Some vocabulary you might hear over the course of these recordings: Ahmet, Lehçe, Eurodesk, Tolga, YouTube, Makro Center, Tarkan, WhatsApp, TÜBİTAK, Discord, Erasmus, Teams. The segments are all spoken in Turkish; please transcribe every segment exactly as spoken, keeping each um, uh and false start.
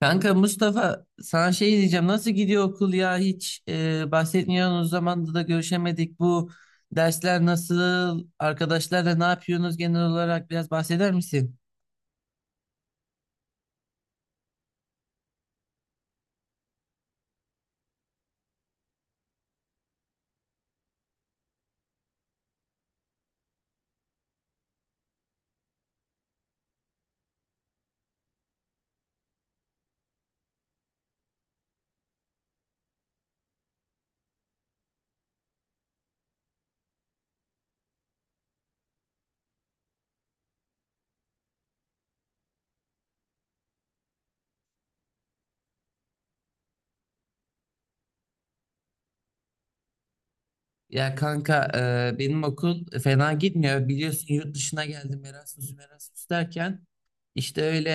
Kanka Mustafa sana şey diyeceğim, nasıl gidiyor okul ya? Hiç e, bahsetmiyorsun, o zamanda da görüşemedik. Bu dersler nasıl, arkadaşlarla ne yapıyorsunuz, genel olarak biraz bahseder misin? Ya kanka, e, benim okul fena gitmiyor, biliyorsun yurt dışına geldim. Erasmus Erasmus derken işte öyle.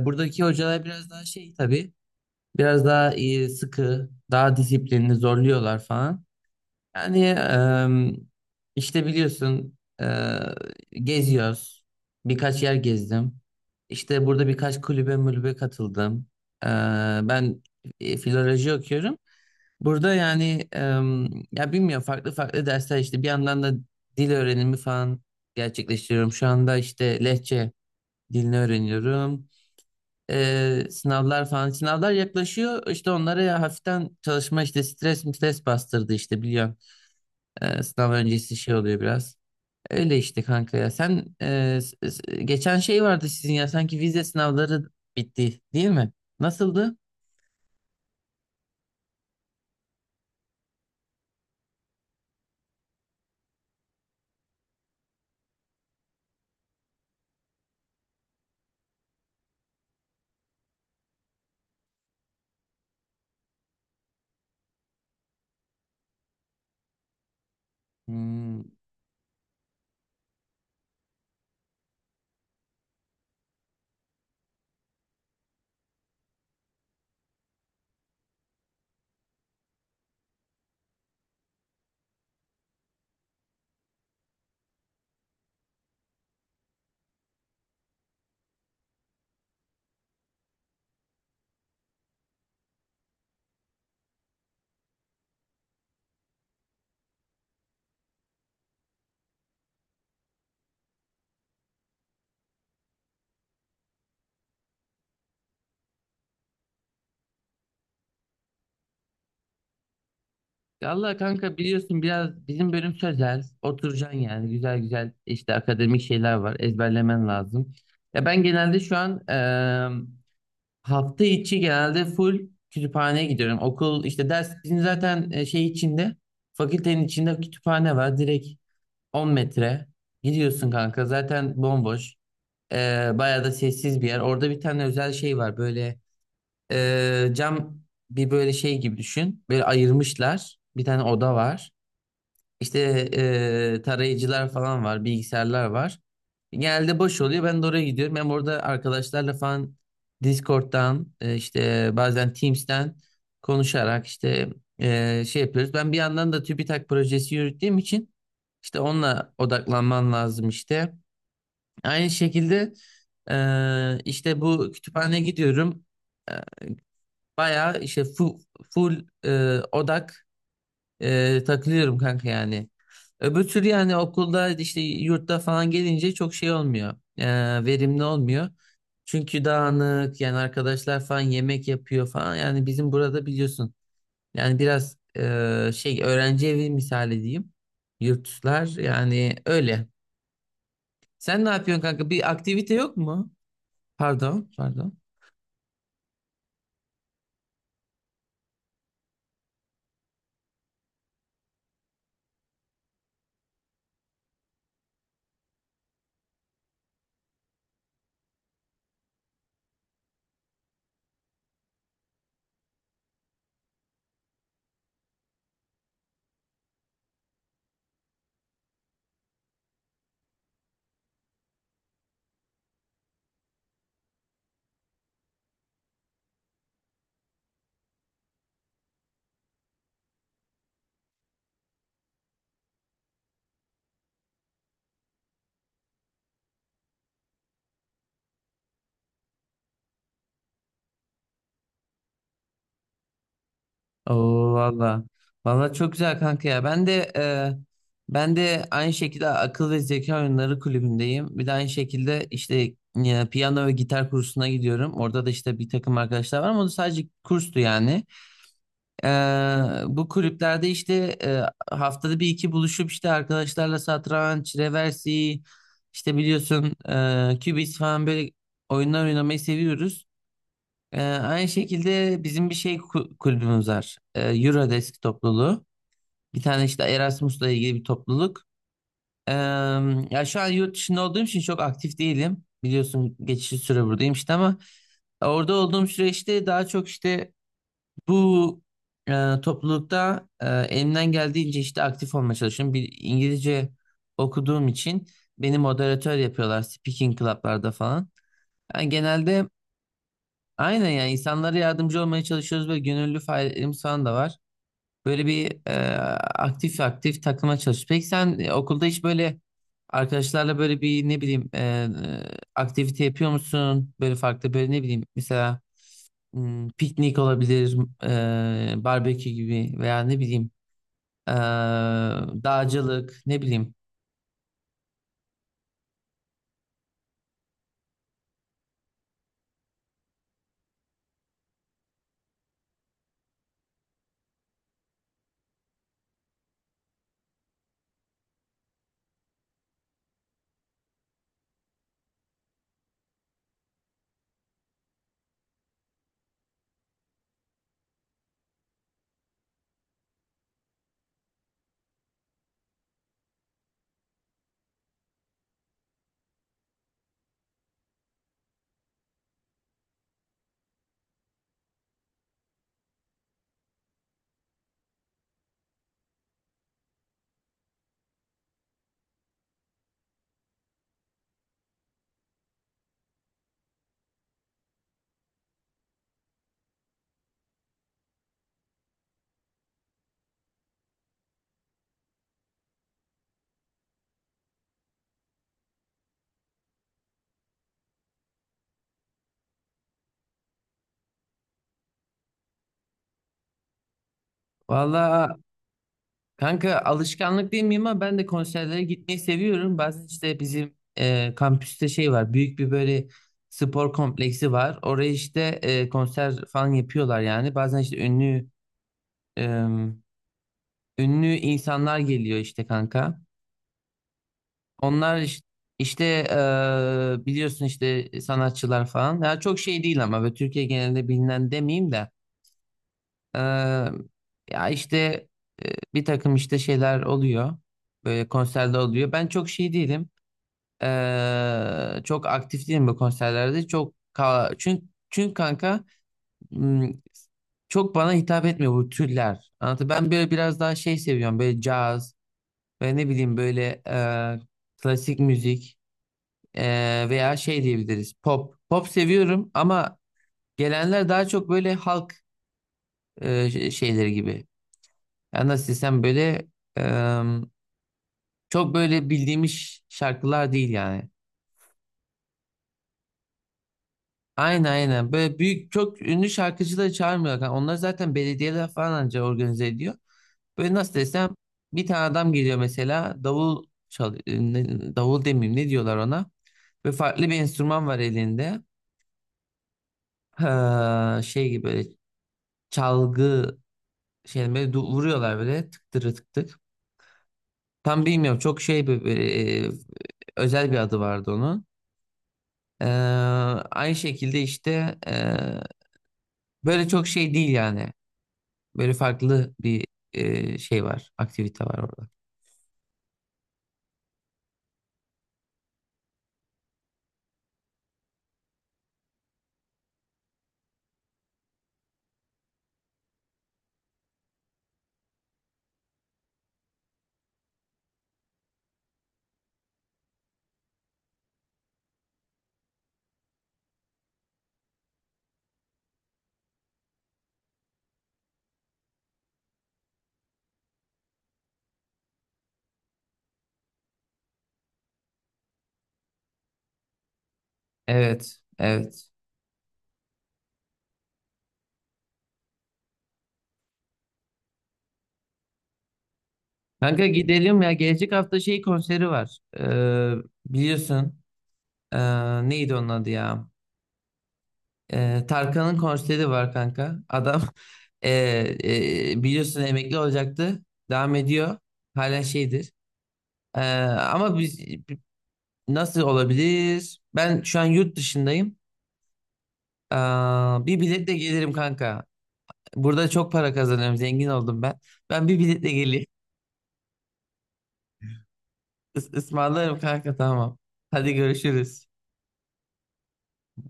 e, Buradaki hocalar biraz daha şey tabii, biraz daha e, sıkı, daha disiplinli, zorluyorlar falan. Yani eee, işte biliyorsun, eee, geziyoruz. Birkaç yer gezdim. İşte burada birkaç kulübe mulübe katıldım. Eee, ben e, filoloji okuyorum. Burada yani em, ya bilmiyorum, farklı farklı dersler işte. Bir yandan da dil öğrenimi falan gerçekleştiriyorum. Şu anda işte Lehçe dilini öğreniyorum. Eee, sınavlar falan, sınavlar yaklaşıyor. İşte onlara ya hafiften çalışma işte, stres stres bastırdı işte, biliyorum. Ee, sınav öncesi şey oluyor biraz. Öyle işte kanka ya. Sen, e, s- s- geçen şey vardı sizin, ya sanki vize sınavları bitti, değil mi? Nasıldı? Hmm. Valla kanka, biliyorsun biraz bizim bölüm sözel. Oturacaksın yani, güzel güzel işte, akademik şeyler var, ezberlemen lazım. Ya ben genelde şu an e, hafta içi genelde full kütüphaneye gidiyorum. Okul işte, ders, bizim zaten e, şey içinde, fakültenin içinde kütüphane var direkt. on metre. Gidiyorsun kanka, zaten bomboş. Ee, bayağı da sessiz bir yer. Orada bir tane özel şey var böyle, ee, cam bir böyle şey gibi düşün. Böyle ayırmışlar. Bir tane oda var. İşte e, tarayıcılar falan var, bilgisayarlar var. Genelde boş oluyor. Ben de oraya gidiyorum. Ben orada arkadaşlarla falan Discord'dan, e, işte bazen Teams'ten konuşarak işte e, şey yapıyoruz. Ben bir yandan da TÜBİTAK projesi yürüttüğüm için işte onunla odaklanman lazım işte. Aynı şekilde e, işte bu kütüphaneye gidiyorum. E, bayağı işte full, full e, odak e, takılıyorum kanka yani. Öbür türlü yani okulda işte, yurtta falan gelince çok şey olmuyor, Ee, verimli olmuyor. Çünkü dağınık yani, arkadaşlar falan yemek yapıyor falan. Yani bizim burada biliyorsun. Yani biraz e, şey, öğrenci evi misali diyeyim. Yurtlar yani öyle. Sen ne yapıyorsun kanka? Bir aktivite yok mu? Pardon, pardon. Oo valla. Valla çok güzel kanka ya. Ben de e, ben de aynı şekilde akıl ve zeka oyunları kulübündeyim. Bir de aynı şekilde işte e, piyano ve gitar kursuna gidiyorum. Orada da işte bir takım arkadaşlar var, ama o da sadece kurstu yani. E, bu kulüplerde işte e, haftada bir iki buluşup işte arkadaşlarla satranç, reversi, işte biliyorsun e, kübis falan, böyle oyunlar oynamayı seviyoruz. Ee, aynı şekilde bizim bir şey ku- kulübümüz var. Ee, Eurodesk topluluğu. Bir tane işte Erasmus'la ilgili bir topluluk. Ee, ya şu an yurt dışında olduğum için çok aktif değilim. Biliyorsun geçici süre buradayım işte, ama orada olduğum süreçte daha çok işte bu e, toplulukta e, elimden geldiğince işte aktif olmaya çalışıyorum. Bir İngilizce okuduğum için beni moderatör yapıyorlar speaking club'larda falan. Yani genelde aynen, yani insanlara yardımcı olmaya çalışıyoruz ve gönüllü faaliyetlerimiz falan da var. Böyle bir e, aktif aktif takıma çalışıyoruz. Peki sen e, okulda hiç böyle arkadaşlarla böyle bir, ne bileyim, e, e, aktivite yapıyor musun? Böyle farklı, böyle ne bileyim, mesela m, piknik olabilir, e, barbekü gibi, veya ne bileyim e, dağcılık, ne bileyim. Valla kanka, alışkanlık değil miyim ama ben de konserlere gitmeyi seviyorum. Bazen işte bizim e, kampüste şey var, büyük bir böyle spor kompleksi var. Oraya işte e, konser falan yapıyorlar yani. Bazen işte ünlü, e, ünlü insanlar geliyor işte kanka. Onlar iş- işte, e, biliyorsun işte, sanatçılar falan. Ya çok şey değil, ama böyle Türkiye genelinde bilinen, demeyeyim de. Ee, ya işte e, bir takım işte şeyler oluyor. Böyle konserde oluyor. Ben çok şey değilim, Ee, çok aktif değilim bu konserlerde. Çok ka- çünkü çünkü kanka, m, çok bana hitap etmiyor bu türler. Anlatı, ben böyle biraz daha şey seviyorum. Böyle caz, ve ne bileyim, böyle e, klasik müzik, e, veya şey diyebiliriz, pop. Pop seviyorum ama gelenler daha çok böyle halk e, şeyleri gibi. Yani nasıl desem böyle, em, çok böyle bildiğimiz şarkılar değil yani. Aynen, aynen. Böyle büyük, çok ünlü şarkıcıları çağırmıyorlar. Yani onlar zaten belediyeler falan anca organize ediyor. Böyle nasıl desem, bir tane adam geliyor mesela, davul çal e, ne- davul demeyeyim, ne diyorlar ona. Ve farklı bir enstrüman var elinde. Ha, şey gibi böyle çalgı şey, böyle du- vuruyorlar böyle, tık tırı tık tık. Tam bilmiyorum, çok şey böyle, böyle e, özel bir adı vardı onun. Ee, aynı şekilde işte e, böyle çok şey değil yani. Böyle farklı bir e, şey var, aktivite var orada. Evet, evet. Kanka gidelim ya. Gelecek hafta şey konseri var. Ee, biliyorsun. Ee, neydi onun adı ya? Ee, Tarkan'ın konseri var kanka. Adam e, e, biliyorsun, emekli olacaktı. Devam ediyor. Hala şeydir. Ee, ama biz nasıl olabilir? Ben şu an yurt dışındayım. Aa, bir biletle gelirim kanka. Burada çok para kazanıyorum. Zengin oldum ben. Ben bir biletle geleyim. Is ısmarlarım kanka, tamam. Hadi görüşürüz.